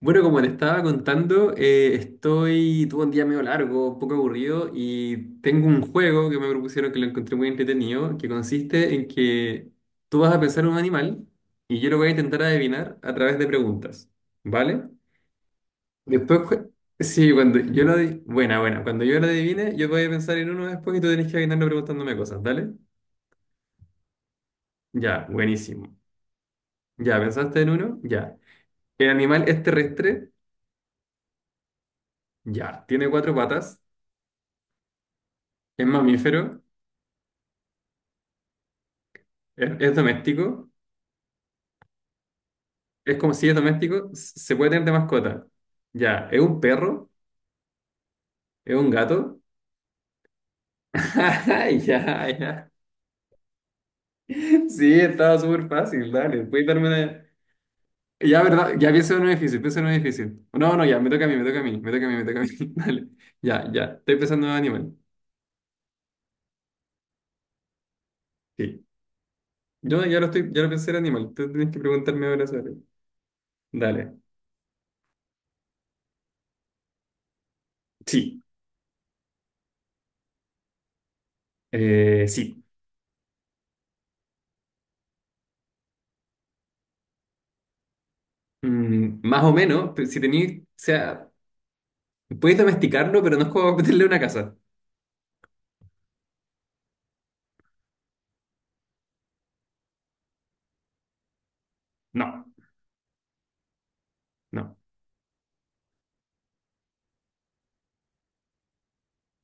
Bueno, como te estaba contando, tuve un día medio largo, un poco aburrido y tengo un juego que me propusieron que lo encontré muy entretenido, que consiste en que tú vas a pensar en un animal y yo lo voy a intentar adivinar a través de preguntas, ¿vale? Después, sí, cuando yo lo adivine, yo voy a pensar en uno después y tú tenés que adivinarlo preguntándome cosas, ¿dale? Ya, buenísimo. Ya, ¿pensaste en uno? Ya. ¿El animal es terrestre? Ya. ¿Tiene cuatro patas? ¿Es mamífero? Es doméstico. Es como si es doméstico. Se puede tener de mascota. Ya. ¿Es un perro? ¿Es un gato? Ay, ya, ya. Sí, estaba súper fácil. Dale. Puedes darme una. Ya, ¿verdad? Ya pienso en un difícil. Pienso en un difícil. No, no, ya. Me toca a mí, me toca a mí. Me toca a mí, me toca a mí. Dale. Ya, ya. Estoy pensando en animal. Sí. Yo ya lo estoy. Ya lo pensé en animal. Tú tienes que preguntarme ahora sobre. Dale. Sí. Sí. Más o menos. Pero si tenéis. O sea. Puedes domesticarlo, pero no es como meterle una casa. No, no.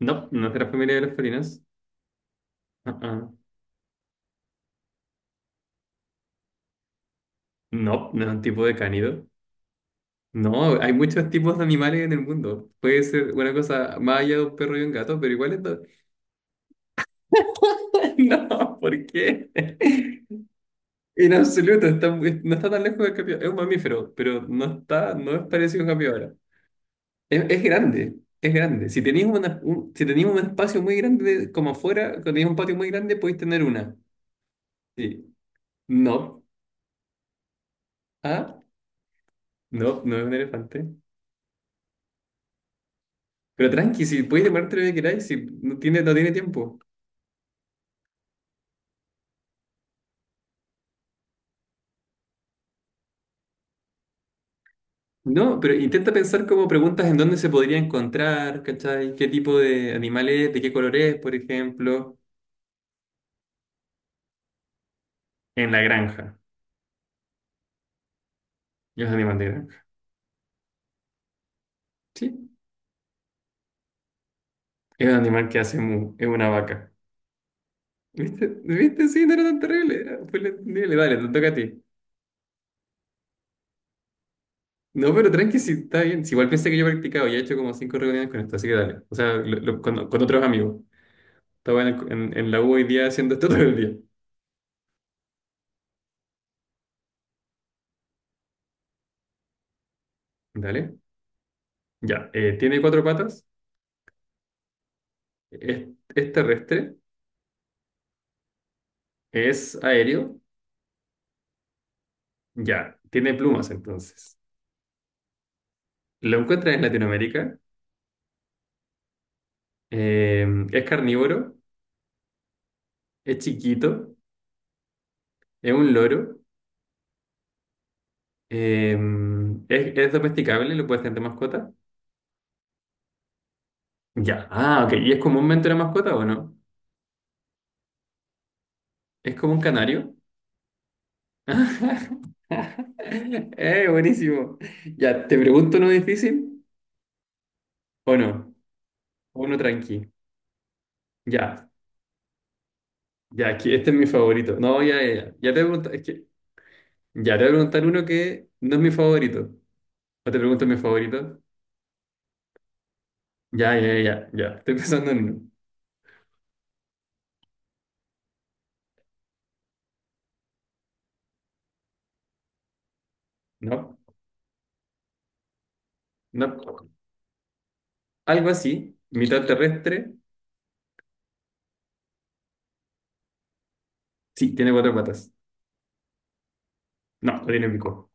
No, no es de la familia de los felinos. Ah, ah. No, no es un tipo de cánido. No, hay muchos tipos de animales en el mundo. Puede ser una cosa más allá de un perro y un gato, pero igual es... do- No, ¿por qué? En absoluto, está muy- no está tan lejos del capibara. Es un mamífero, pero no es parecido a un capibara. Es, es grande, es grande. Si tenéis si tenéis un espacio muy grande como afuera, cuando tenéis un patio muy grande, podéis tener una. Sí. No. Ah, no, no es un elefante. Pero tranqui, si puedes demorarte lo que queráis, si no tiene tiempo. No, pero intenta pensar como preguntas en dónde se podría encontrar, ¿cachai? ¿Qué tipo de animal es? ¿De qué color es, por ejemplo? En la granja. Y es animal de granja. Sí. Es un animal que hace mu, es una vaca. ¿Viste? ¿Viste? Sí, no era tan terrible. Fue entendible. Dale, te toca a ti. No, pero tranqui, si está bien. Si igual pensé que yo he practicado, ya he hecho como cinco reuniones con esto, así que dale. O sea, con otros amigos. Estaba en la U hoy día haciendo esto todo el día. Dale. Ya, tiene cuatro patas, es, es terrestre, es aéreo, ya, tiene plumas entonces. Lo encuentran en Latinoamérica, eh, es carnívoro, es chiquito, es un loro, eh, es domesticable, lo puedes tener de mascota. Ya, ah, ok, ¿y es comúnmente una mascota o no? ¿Es como un canario? Buenísimo. Ya, ¿te pregunto uno difícil o no? Uno tranqui. Ya. Ya, aquí, este es mi favorito. No, ya, ya, ya. Ya te voy a preguntar, es que, ya te voy a preguntar uno que no es mi favorito. ¿O te pregunto mi favorito? Ya, ya, ya, ya. Estoy pensando en uno. No, no. Algo así, mitad terrestre. Sí, tiene cuatro patas. No, no tiene pico.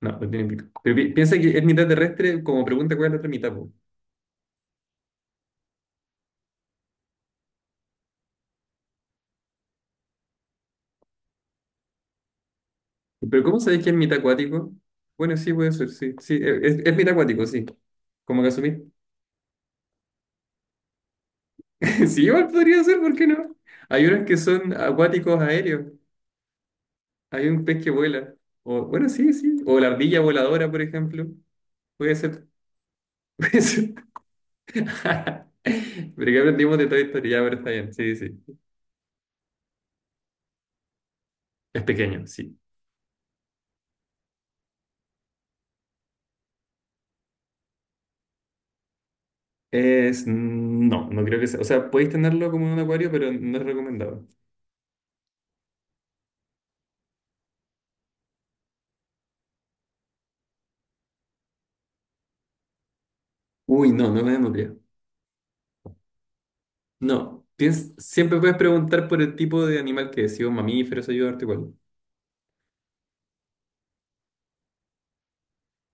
No, no tiene pico. Pero piensa que es mitad terrestre, como pregunta cuál es la otra mitad, po. Pero ¿cómo sabéis que es mitad acuático? Bueno, sí, puede ser, sí. Sí, es mitad acuático, sí. Como que asumí. Sí, igual podría ser, ¿por qué no? Hay unos que son acuáticos aéreos. Hay un pez que vuela. O, bueno, sí, sí. O la ardilla voladora, por ejemplo. Puede ser. Puede ser. Pero que aprendimos de toda historia, ya, pero está bien. Sí, sí. Es pequeño, sí. Es. No, no creo que sea. O sea, podéis tenerlo como en un acuario, pero no es recomendado. Uy, no, no es la nutria. No. Siempre puedes preguntar por el tipo de animal que es. Si es un mamífero, se ayuda a darte cuál.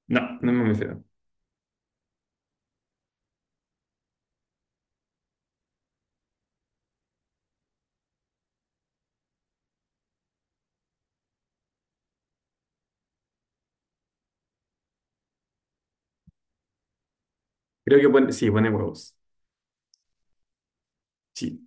No, no es mamífero. Creo que pone. Sí, pone huevos. Sí.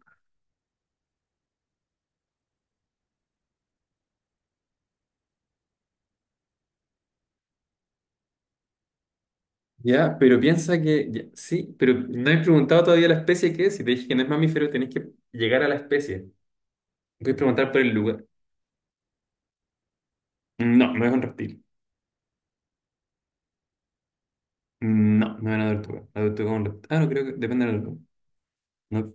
Ya, pero piensa que, ya, sí, pero no he preguntado todavía la especie que es. Si te dije que no es mamífero, tenés que llegar a la especie. Puedes preguntar por el lugar. No, no es un reptil. No, no es una tortuga. La tortuga es un reptil. Ah, no, creo que depende de la tortuga. No.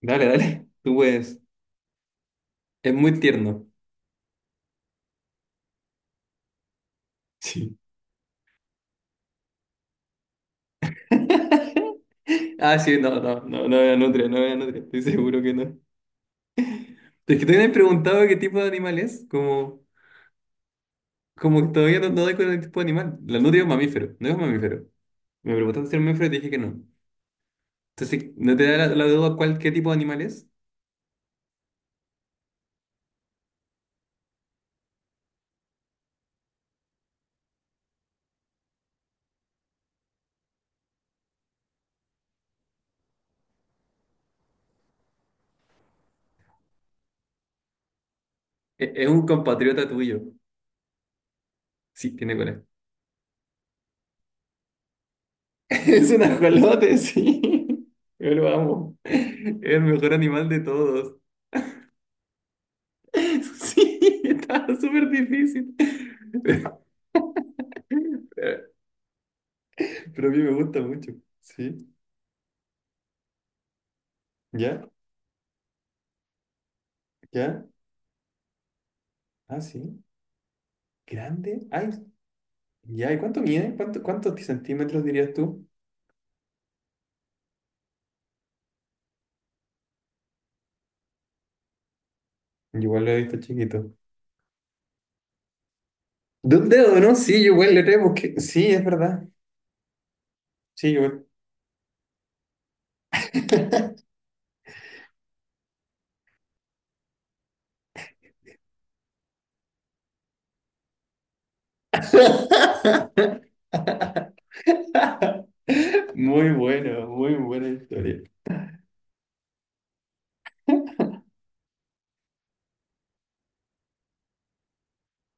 Dale, dale. Tú puedes. Es muy tierno. Sí. Ah, sí, no, no, no, no era nutria, no era nutria. Estoy seguro que no. Es que todavía me he preguntado qué tipo de animal es. Como que todavía no doy con el tipo de animal. La nutria es un mamífero, no es un mamífero. Me preguntaste si era un mamífero y te dije que no. Entonces, sí, no te da la duda cuál, qué tipo de animal es. Es un compatriota tuyo. Sí, tiene cola. Es un ajolote, sí. Yo lo amo. Es el mejor animal de todos. Sí, está súper difícil. Pero a mí me gusta mucho. Sí, ya, ya. Ah, sí. Grande. Ay, ya. ¿Y cuánto mide? ¿Cuántos centímetros dirías tú? Yo igual lo he visto chiquito. De un dedo, ¿no? Sí, yo igual le tenemos que... Sí, es verdad. Sí, yo igual. Muy bueno, muy buena historia.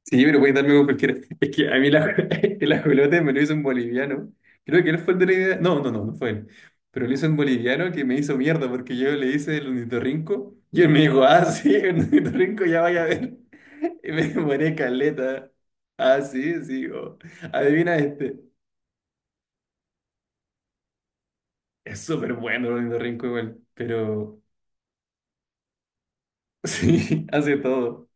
Sí, pero puedes darme con cualquiera. Es que a mí el ajolote me lo hizo un boliviano. Creo que él fue el de la idea. No, no, no, no fue él. Pero lo hizo un boliviano que me hizo mierda porque yo le hice el ornitorrinco y él me dijo, ah, sí, el ornitorrinco ya vaya a ver. Y me demoré caleta. Ah, sí, sí. Oh. Adivina este. Es súper bueno el ornitorrinco igual, pero sí, hace todo.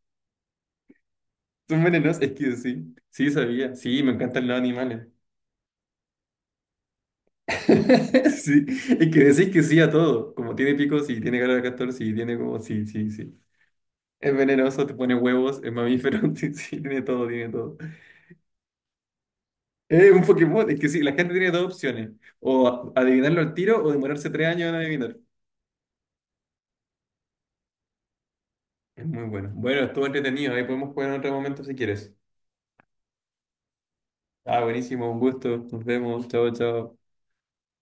Son venenosos, es que sí, sí sabía, sí, me encantan los animales. Sí, es que decís que sí a todo, como tiene picos sí, tiene cara de castor, sí, tiene como, sí, sí, sí. Es venenoso, te pone huevos, es mamífero, sí, sí, tiene todo, tiene todo. Es un Pokémon, es que sí, la gente tiene dos opciones, o adivinarlo al tiro o demorarse 3 años en adivinar. Es muy bueno. Bueno, estuvo entretenido, ahí podemos jugar en otro momento si quieres. Ah, buenísimo, un gusto, nos vemos, chao, chao.